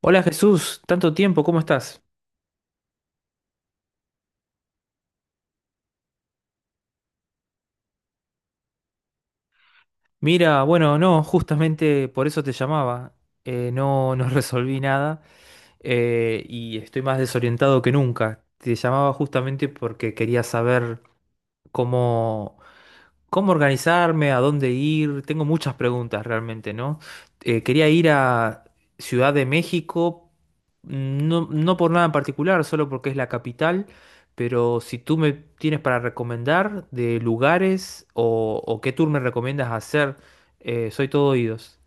Hola Jesús, tanto tiempo, ¿cómo estás? Mira, bueno, no, justamente por eso te llamaba. No, no resolví nada. Y estoy más desorientado que nunca. Te llamaba justamente porque quería saber cómo, ¿Cómo organizarme? ¿A dónde ir? Tengo muchas preguntas realmente, ¿no? Quería ir a Ciudad de México, no, no por nada en particular, solo porque es la capital, pero si tú me tienes para recomendar de lugares o qué tour me recomiendas hacer, soy todo oídos.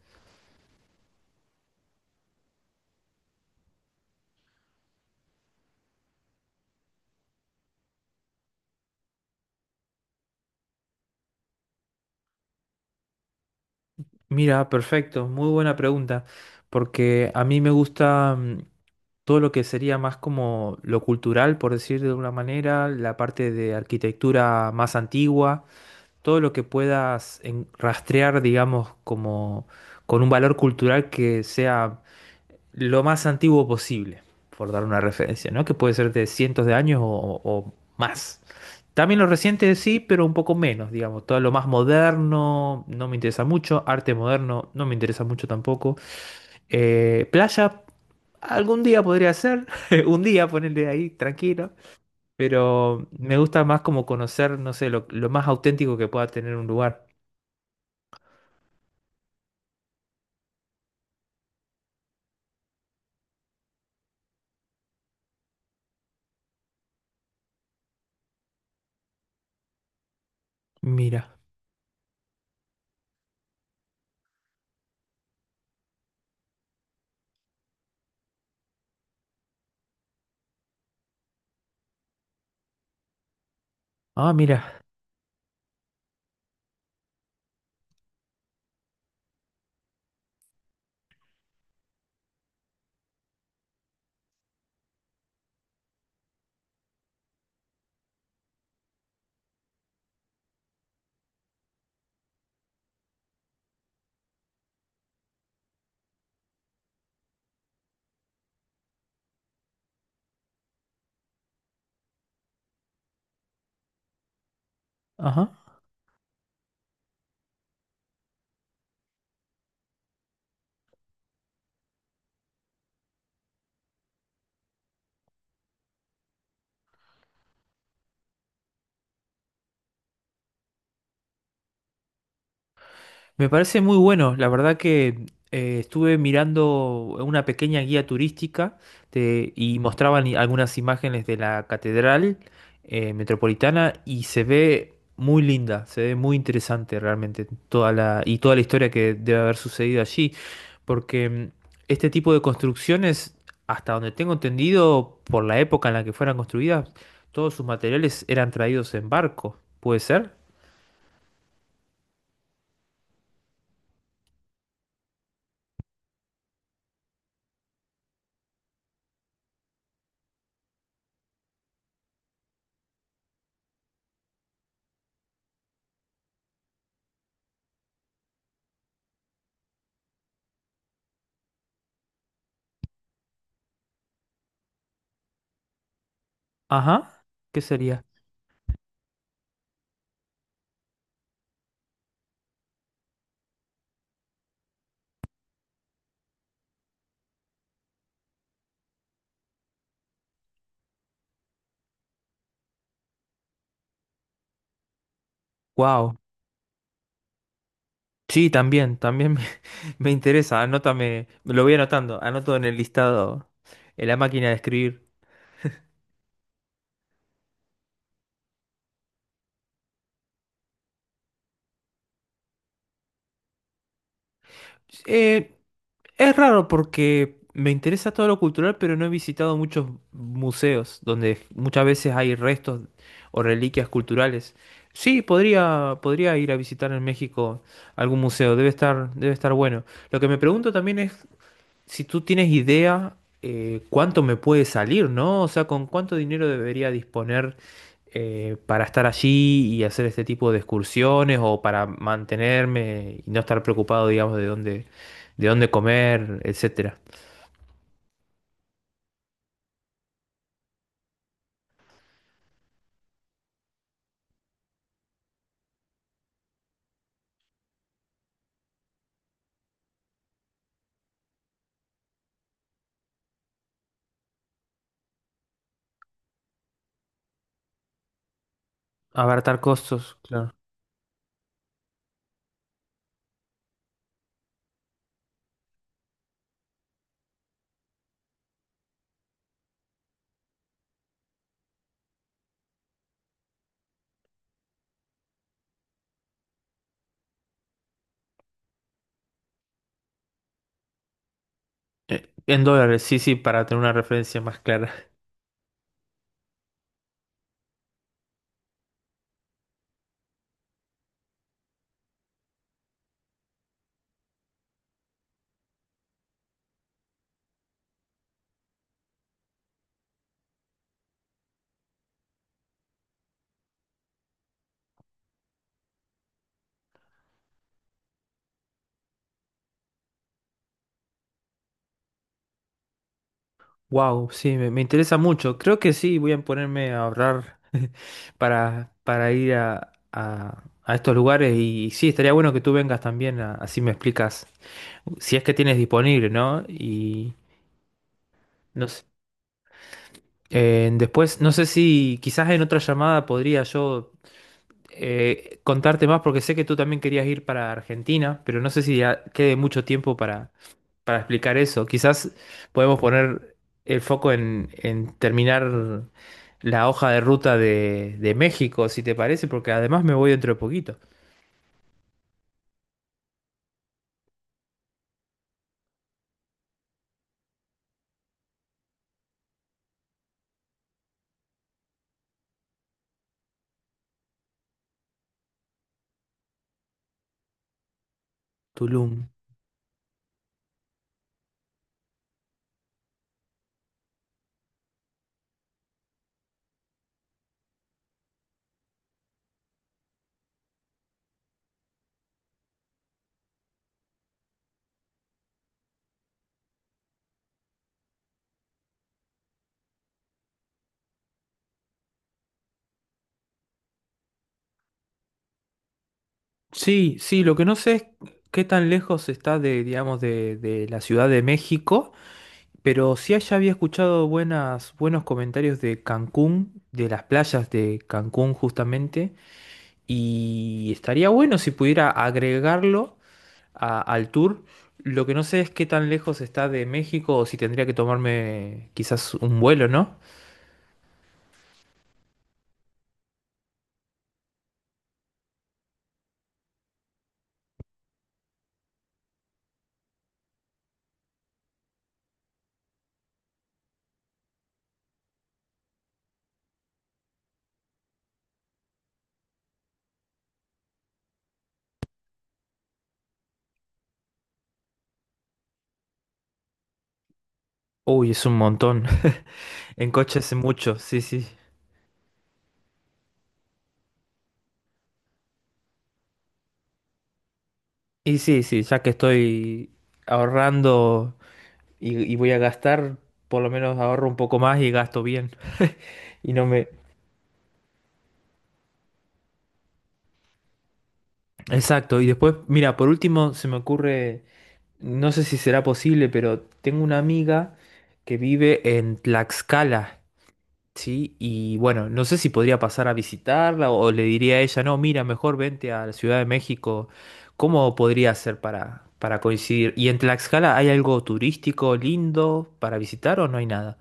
Mira, perfecto, muy buena pregunta, porque a mí me gusta todo lo que sería más como lo cultural, por decir de una manera, la parte de arquitectura más antigua, todo lo que puedas rastrear, digamos, como con un valor cultural que sea lo más antiguo posible, por dar una referencia, ¿no? Que puede ser de cientos de años o más. También lo reciente sí, pero un poco menos, digamos. Todo lo más moderno no me interesa mucho, arte moderno no me interesa mucho tampoco. Playa, algún día podría ser, un día ponerle ahí tranquilo, pero me gusta más como conocer, no sé, lo más auténtico que pueda tener un lugar. Mira, ah, mira, ajá. Me parece muy bueno. La verdad que estuve mirando una pequeña guía turística y mostraban algunas imágenes de la catedral metropolitana y se ve muy linda, se ve muy interesante realmente toda la y toda la historia que debe haber sucedido allí, porque este tipo de construcciones, hasta donde tengo entendido, por la época en la que fueron construidas, todos sus materiales eran traídos en barco. ¿Puede ser? Ajá, ¿qué sería? Wow. Sí, también, también me interesa. Anótame, lo voy anotando, anoto en el listado, en la máquina de escribir. Eh, es raro porque me interesa todo lo cultural, pero no he visitado muchos museos donde muchas veces hay restos o reliquias culturales. Sí, podría, podría ir a visitar en México algún museo, debe estar bueno. Lo que me pregunto también es si tú tienes idea, cuánto me puede salir, ¿no? O sea, con cuánto dinero debería disponer para estar allí y hacer este tipo de excursiones o para mantenerme y no estar preocupado, digamos, de dónde comer, etcétera. Abartar costos, claro. En dólares, sí, sí, para tener una referencia más clara. Wow, sí, me interesa mucho. Creo que sí, voy a ponerme a ahorrar para ir a estos lugares y, sí, estaría bueno que tú vengas también, así me explicas, si es que tienes disponible, ¿no? Y no sé. Después, no sé si quizás en otra llamada podría yo contarte más, porque sé que tú también querías ir para Argentina, pero no sé si ya quede mucho tiempo para explicar eso. Quizás podemos poner el foco en terminar la hoja de ruta de México, si te parece, porque además me voy dentro de poquito. Tulum. Sí, sí, lo que no sé es qué tan lejos está de, digamos, de la Ciudad de México, pero sí allá había escuchado buenas, buenos comentarios de Cancún, de las playas de Cancún justamente, y estaría bueno si pudiera agregarlo al tour. Lo que no sé es qué tan lejos está de México o si tendría que tomarme quizás un vuelo, ¿no? Uy, es un montón. En coche hace mucho, sí, sí. Y sí, sí, ya que estoy ahorrando y voy a gastar, por lo menos ahorro un poco más y gasto bien. Y no me... Exacto. Y después, mira, por último se me ocurre, no sé si será posible, pero tengo una amiga que vive en Tlaxcala. Sí, y bueno, no sé si podría pasar a visitarla o le diría a ella, no, mira, mejor vente a la Ciudad de México. ¿Cómo podría hacer para coincidir? ¿Y en Tlaxcala hay algo turístico lindo para visitar o no hay nada?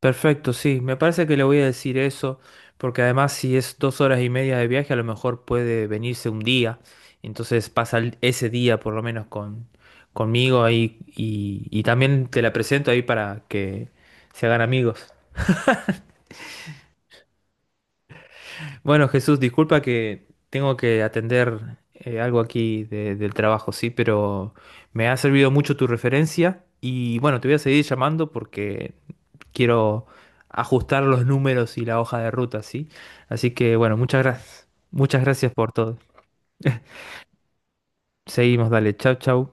Perfecto, sí, me parece que le voy a decir eso, porque además si es 2 horas y media de viaje, a lo mejor puede venirse un día, entonces pasa ese día por lo menos con, conmigo ahí y también te la presento ahí para que se hagan amigos. Bueno, Jesús, disculpa que tengo que atender algo aquí del trabajo, sí, pero me ha servido mucho tu referencia y bueno, te voy a seguir llamando porque quiero ajustar los números y la hoja de ruta, sí. Así que bueno, muchas gracias. Muchas gracias por todo. Seguimos, dale. Chau, chau.